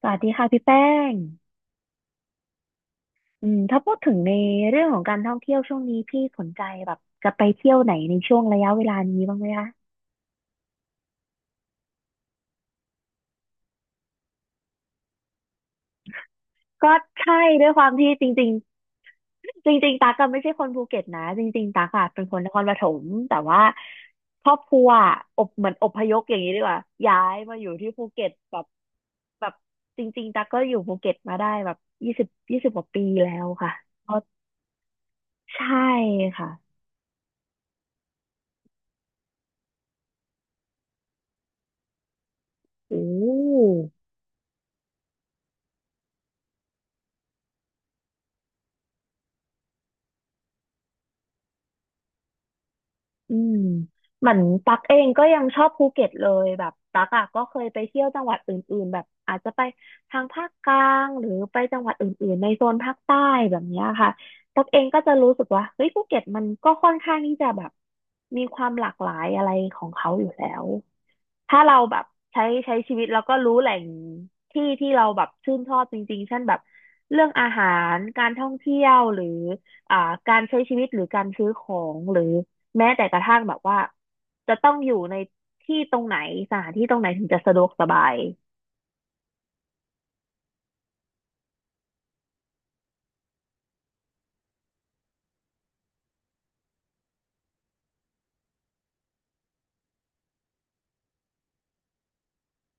สวัสดีค่ะพี่แป้งอืมถ้าพูดถึงในเรื่องของการท่องเที่ยวช่วงนี้พี่สนใจแบบจะไปเที่ยวไหนในช่วงระยะเวลานี้บ้างไหมคะก็ใช่ด้วยความที่จริงๆ จริงๆตักก็ไม่ใช่คนภูเก็ตนะจริงๆตักอะเป็นคนนครปฐมแต่ว่าครอบครัวอะอบเหมือนอพยพอย่างนี้ดีกว่าย้ายมาอยู่ที่ภูเก็ตแบบแบบจริงๆตักก็อยู่ภูเก็ตมาได้แบบยี่สิบกว่าปีแล้วค่ะเพราะใช่ค่ะโอ้ อืมเหมือนตักเองก็ยังชอบภูเก็ตเลยแบบตักอ่ะก็เคยไปเที่ยวจังหวัดอื่นๆแบบอาจจะไปทางภาคกลางหรือไปจังหวัดอื่นๆในโซนภาคใต้แบบเนี้ยค่ะตักเองก็จะรู้สึกว่าเฮ้ยภูเก็ตมันก็ค่อนข้างที่จะแบบมีความหลากหลายอะไรของเขาอยู่แล้ว ถ้าเราแบบใช้ชีวิตแล้วก็รู้แหล่งที่ที่เราแบบชื่นชอบจริงๆเช่นแบบเรื่องอาหารการท่องเที่ยวหรืออ่าการใช้ชีวิตหรือการซื้อของหรือแม้แต่กระทั่งแบบว่าจะต้องอยู่ในที่ตรงไหนสถานที่ตรงไหนถึงจะสะดวกสบาย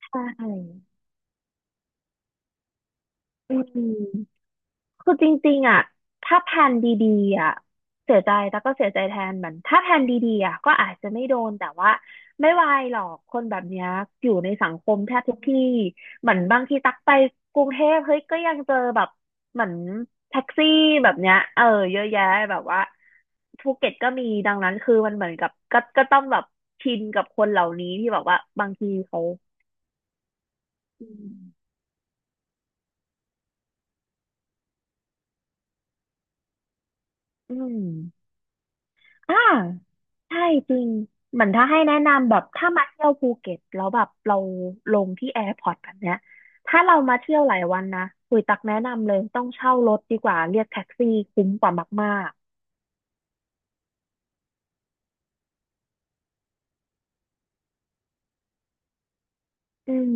ใช่อืม คือจริงๆอ่ะถ้าแผนดีๆอ่ะเสียใจแต่ก็เสียใจแทนเหมือนถ้าแผนดีๆอ่ะก็อาจจะไม่โดนแต่ว่าไม่วายหรอกคนแบบเนี้ยอยู่ในสังคมแทบทุกที่เหมือนบางทีตักไปกรุงเทพเฮ้ยก็ยังเจอแบบเหมือนแท็กซี่แบบเนี้ยเออเยอะแยะแบบว่าภูเก็ตก็มีดังนั้นคือมันเหมือนกับก็ต้องแบบชินกับคนเหล่านี้ที่แบบว่าบางทีเขาอืมอืม อ่าใช่จริงเหมือนถ้าให้แนะนำแบบถ้ามาเที่ยวภูเก็ตแล้วแบบเราลงที่แอร์พอร์ตแบบเนี้ยถ้าเรามาเที่ยวหลายวันนะคุยตักแนะนำเลยต้องเช่ารถดีกว่าเรียกแท็กซี่คุ้มกว่ามากๆอืม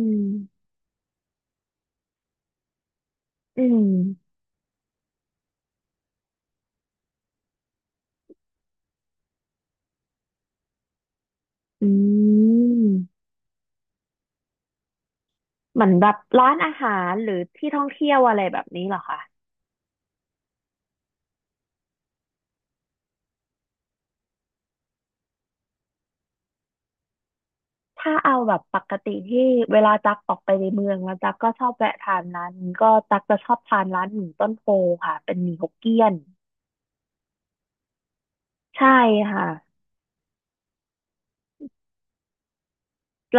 อืมอืมเหมือนแบบร้านอาหารหรือที่ท่องเที่ยวอะไรแบบนี้เหรอคะถ้าเอาแบบปกติที่เวลาตักออกไปในเมืองแล้วตักก็ชอบแวะทานร้านนี้ก็ตักจะชอบทานร้านหมี่ต้นโพค่ะเป็นหมี่ฮกเกี้ยน ใช่ค่ะ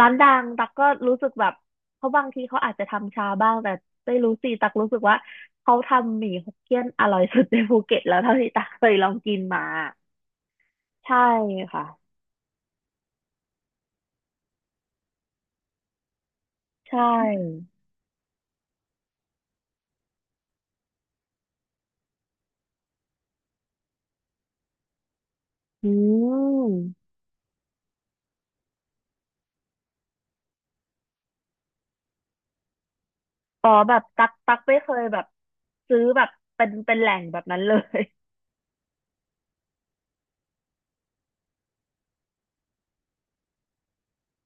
ร้านดังตักก็รู้สึกแบบเขาบางทีเขาอาจจะทำชาบ้างแต่ไม่รู้สิตักรู้สึกว่าเขาทำหมี่ฮกเกี้ยนอร่อยสุดในภูเก็ตแล้วเท่าที่ตักเคยลองกินมาใช่ค่ะใช่อืมอ๋อแบบตักไม่เคยแบบซื้อแบบเป็นแหล่งแบบนั้นเลย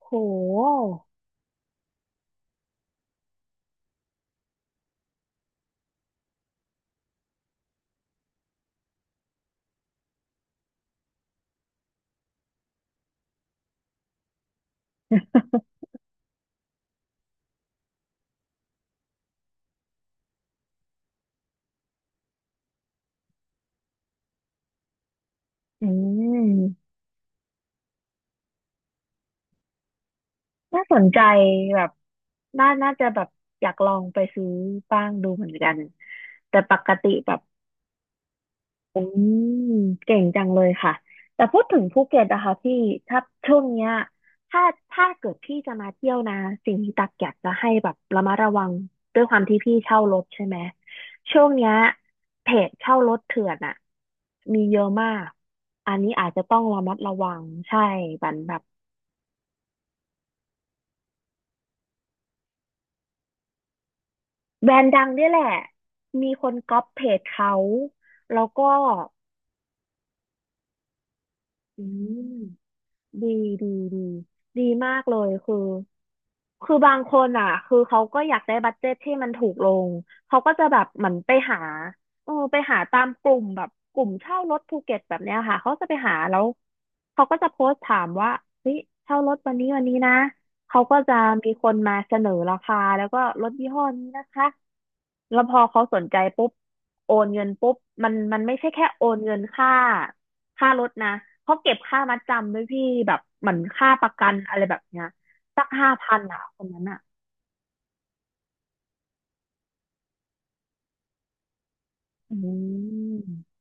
โหอืมน่าสนใจแบบน่าน่าจะแบบอยากลองไปซื้อบ้างดูเหมือนกันแต่ปกติแบบ อืมเก่งจังเลยค่ะแต่พูดถึงภูเก็ตนะคะพี่ถ้าช่วงเนี้ยถ้าถ้าเกิดพี่จะมาเที่ยวนะสิ่งที่ตักอยากจะให้แบบระมัดระวังด้วยความที่พี่เช่ารถใช่ไหมช่วงเนี้ยเพจเช่ารถเถื่อนอะมีเยอะมากอันนี้อาจจะต้องระมัดระวังใช่บันแบบแบรนด์ดังเนี่ยแหละมีคนก๊อปเพจเขาแล้วก็อืม ดีดีดีดีมากเลยคือคือบางคนอ่ะคือเขาก็อยากได้บัดเจ็ตที่มันถูกลงเขาก็จะแบบเหมือนไปหาเออไปหาตามกลุ่มแบบกลุ่มเช่ารถภูเก็ตแบบเนี้ยค่ะเขาจะไปหาแล้วเขาก็จะโพสต์ถามว่าเฮ้ยเช่ารถวันนี้วันนี้นะเขาก็จะมีคนมาเสนอราคาแล้วก็รถยี่ห้อนี้นะคะแล้วพอเขาสนใจปุ๊บโอนเงินปุ๊บมันไม่ใช่แค่โอนเงินค่า ค่ารถนะเขาเก็บค่ามัดจำด้วยพี่แบบเหมือนค่าประกันอะไรแบบเนี้ยสัก5,000อ่ะคนนั้นอ่ะอืม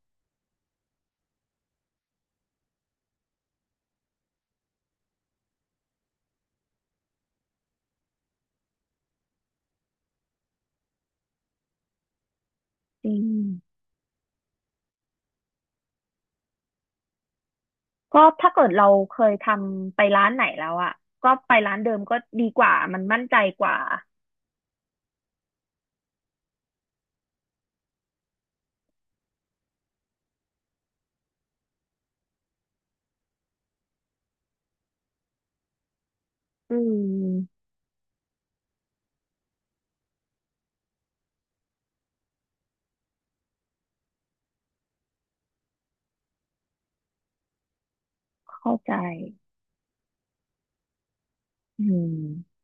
จริงก็ถ้าเกิดเราเคยทำไปร้านไหนแล้วอ่ะก็ไปร้านเดิมก็ดีกว่ามันมั่นใจกว่าอืมเข้าใจอืม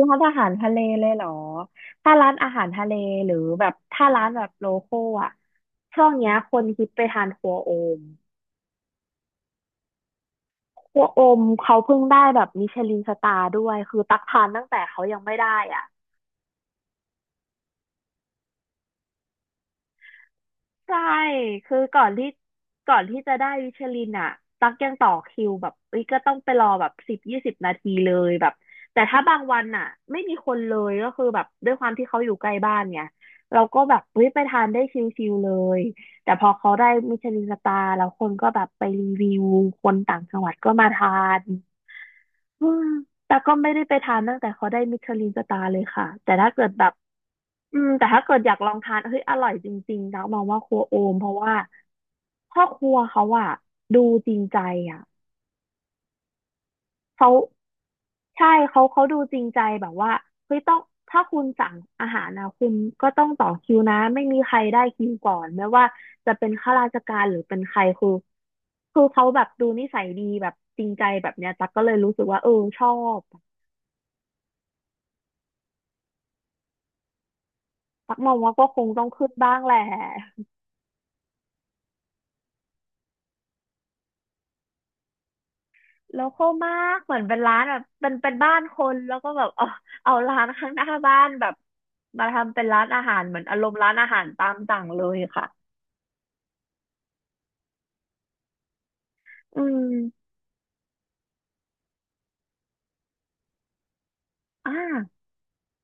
ร้านอาหารทะเลเลยเหรอถ้าร้านอาหารทะเลหรือแบบถ้าร้านแบบโลคอลอ่ะช่วงเนี้ยคนฮิตไปทานครัวโอม พวกโอมเขาเพิ่งได้แบบมิชลินสตาร์ด้วยคือตักทานตั้งแต่เขายังไม่ได้อ่ะใช่คือก่อนที่จะได้มิชลินอ่ะตักยังต่อคิวแบบเอ้ยก็ต้องไปรอแบบ10-20 นาทีเลยแบบแต่ถ้าบางวันอ่ะไม่มีคนเลยก็คือแบบด้วยความที่เขาอยู่ใกล้บ้านไงเราก็แบบเฮ้ยไปทานได้ชิลๆเลยแต่พอเขาได้มิชลินสตาร์แล้วคนก็แบบไปรีวิวคนต่างจังหวัดก็มาทาน อืมแต่ก็ไม่ได้ไปทานตั้งแต่เขาได้มิชลินสตาร์เลยค่ะแต่ถ้าเกิดแบบแต่ถ้าเกิดอยากลองทานเฮ้ยอร่อยจริงๆนะมองว่าครัวโอมเพราะว่าพ่อครัวเขาอะดูจริงใจอะเขาใช่เขาดูจริงใจแบบว่าเฮ้ยต้องถ้าคุณสั่งอาหารนะคุณก็ต้องต่อคิวนะไม่มีใครได้คิวก่อนไม่ว่าจะเป็นข้าราชการหรือเป็นใครคือคือเขาแบบดูนิสัยดีแบบจริงใจแบบเนี้ยตั๊กก็เลยรู้สึกว่าเออชอบ ตักมองว่าก็คงต้องขึ้นบ้างแหละโลคอลมากเหมือนเป็นร้านแบบเป็นบ้านคนแล้วก็แบบเอาร้านข้างหน้าบ้านแบบมาทำเป็นร้านอาหารเหมือนอารมณ์ร้านอาหารตามสั่งเลยค่ะอืมอ่า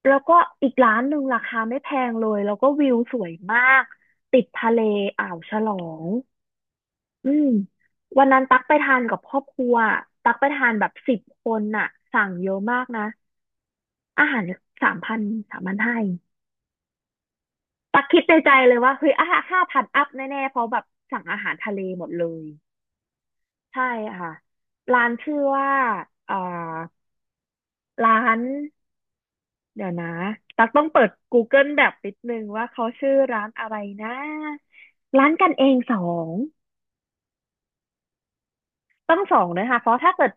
แล้วก็อีกร้านหนึ่งราคาไม่แพงเลยแล้วก็วิวสวยมากติดทะเลอ่าวฉลองอืมวันนั้นตักไปทานกับครอบครัวตักไปทานแบบ10 คนน่ะสั่งเยอะมากนะอาหารสามพัน3,500 ตักคิดในใจเลยว่าเฮ้ยอ่ะ5,000อัพแน่ๆ เพราะแบบสั่งอาหารทะเลหมดเลยใช่ค่ะร้านชื่อว่าเอ่อร้านเดี๋ยวนะตักต้องเปิด Google แบบนิดนึงว่าเขาชื่อร้านอะไรนะร้านกันเองสอง ต้องสองนะคะเพราะถ้าเกิด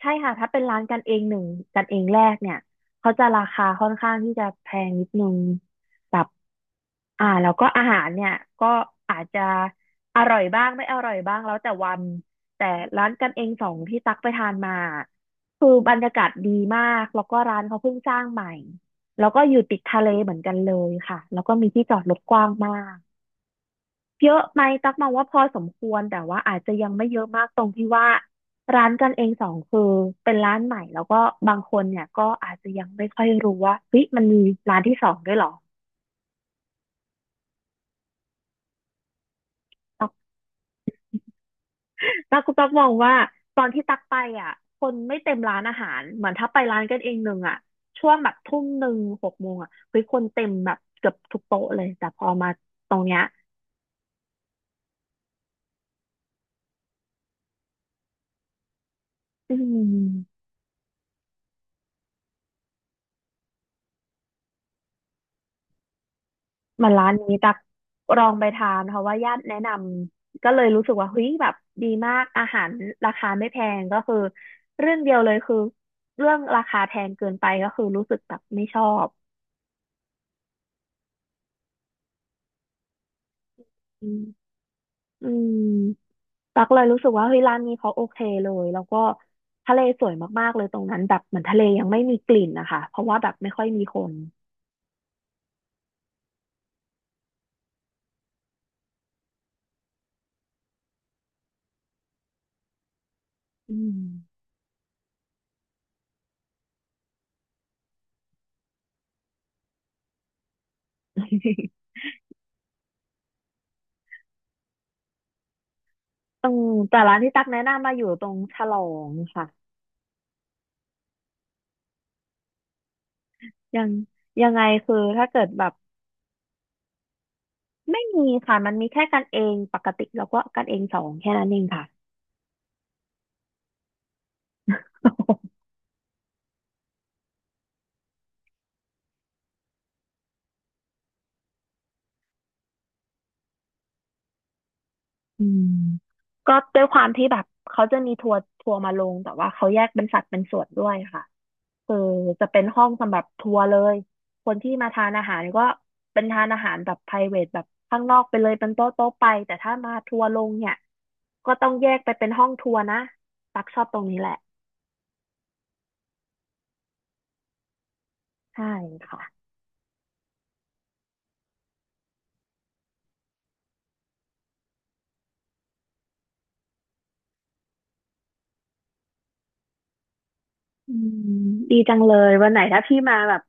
ใช่ค่ะถ้าเป็นร้านกันเองหนึ่งกันเองแรกเนี่ยเขาจะราคาค่อนข้างที่จะแพงนิดนึงแบบอ่าแล้วก็อาหารเนี่ยก็อาจจะอร่อยบ้างไม่อร่อยบ้างแล้วแต่วันแต่ร้านกันเองสองที่ตักไปทานมาคือบรรยากาศดีมากแล้วก็ร้านเขาเพิ่งสร้างใหม่แล้วก็อยู่ติดทะเลเหมือนกันเลยค่ะแล้วก็มีที่จอดรถกว้างมาก เยอะไหมตักมองว่าพอสมควรแต่ว่าอาจจะยังไม่เยอะมากตรงที่ว่าร้านกันเองสองคือเป็นร้านใหม่แล้วก็บางคนเนี่ยก็อาจจะยังไม่ค่อยรู้ว่าเฮ้ยมันมีร้านที่สองด้วยเหรอตัตักมองว่าตอนที่ตักไปอ่ะคนไม่เต็มร้านอาหารเหมือนถ้าไปร้านกันเองหนึ่งอ่ะช่วงแบบ1 ทุ่ม 6 โมงอ่ะเฮ้ยคนเต็มแบบเกือบทุกโต๊ะเลยแต่พอมาตรงเนี้ยอืม เหมันร้านนี้ตักลองไปทานเพราะว่าญาติแนะนำก็เลยรู้สึกว่าเฮ้ยแบบดีมากอาหารราคาไม่แพงก็คือเรื่องเดียวเลยคือเรื่องราคาแพงเกินไปก็คือรู้สึกแบบไม่ชอบอืมอืมตักเลยรู้สึกว่าเฮ้ยร้านนี้เขาโอเคเลยแล้วก็ทะเลสวยมากๆเลยตรงนั้นแบบเหมือนทะเลยังไม่มีกลิ่นนะคะเพราะว่าแบบไม่ค่อยมีคนอืม เอืแต่ร้านที่ตักแนะนำมาอยู่ตรงฉลองค่ะยังยังไงคือถ้าเกิดแบบ ไม่มีค่ะมันมีแค่กันเองปกติแล้วก็กันเองสองแค่นั้นเองค่ะ อืม ก็ด้วยความที่แบบเขาจะมีทัวร์มาลงแต่ว่าเขาแยกเป็นสัดเป็นส่วนด้วยค่ะคือจะเป็นห้องสำหรับทัวร์เลยคนที่มาทานอาหารก็เป็นทานอาหารแบบ private แบบข้างนอกไปเลยเป็นโต๊ะโต๊ะไปแต่ถ้ามาทัวร์ลงเนี่ยก็ต้องแยกไปเป็นห้องทัวร์นะตักชอบตรงนี้แหละใช่ค่ะอืมดีจังเลยวันไหนถ้าพี่มาแบบ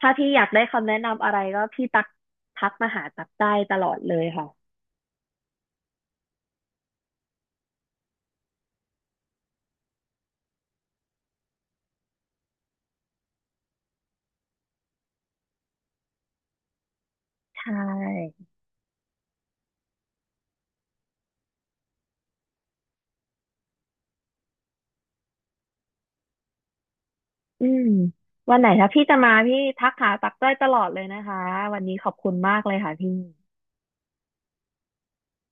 ถ้าพี่อยากได้คำแนะนำอะไรก็พี่ตักทักมาหาตักได้ตลอดเลยค่ะใช่อืมวันไหนถ้าพี่จะมาพี่ทักหาตักได้ตลอดเลยนะคะวันนี้ขอบคุณมากเลยค่ะพี่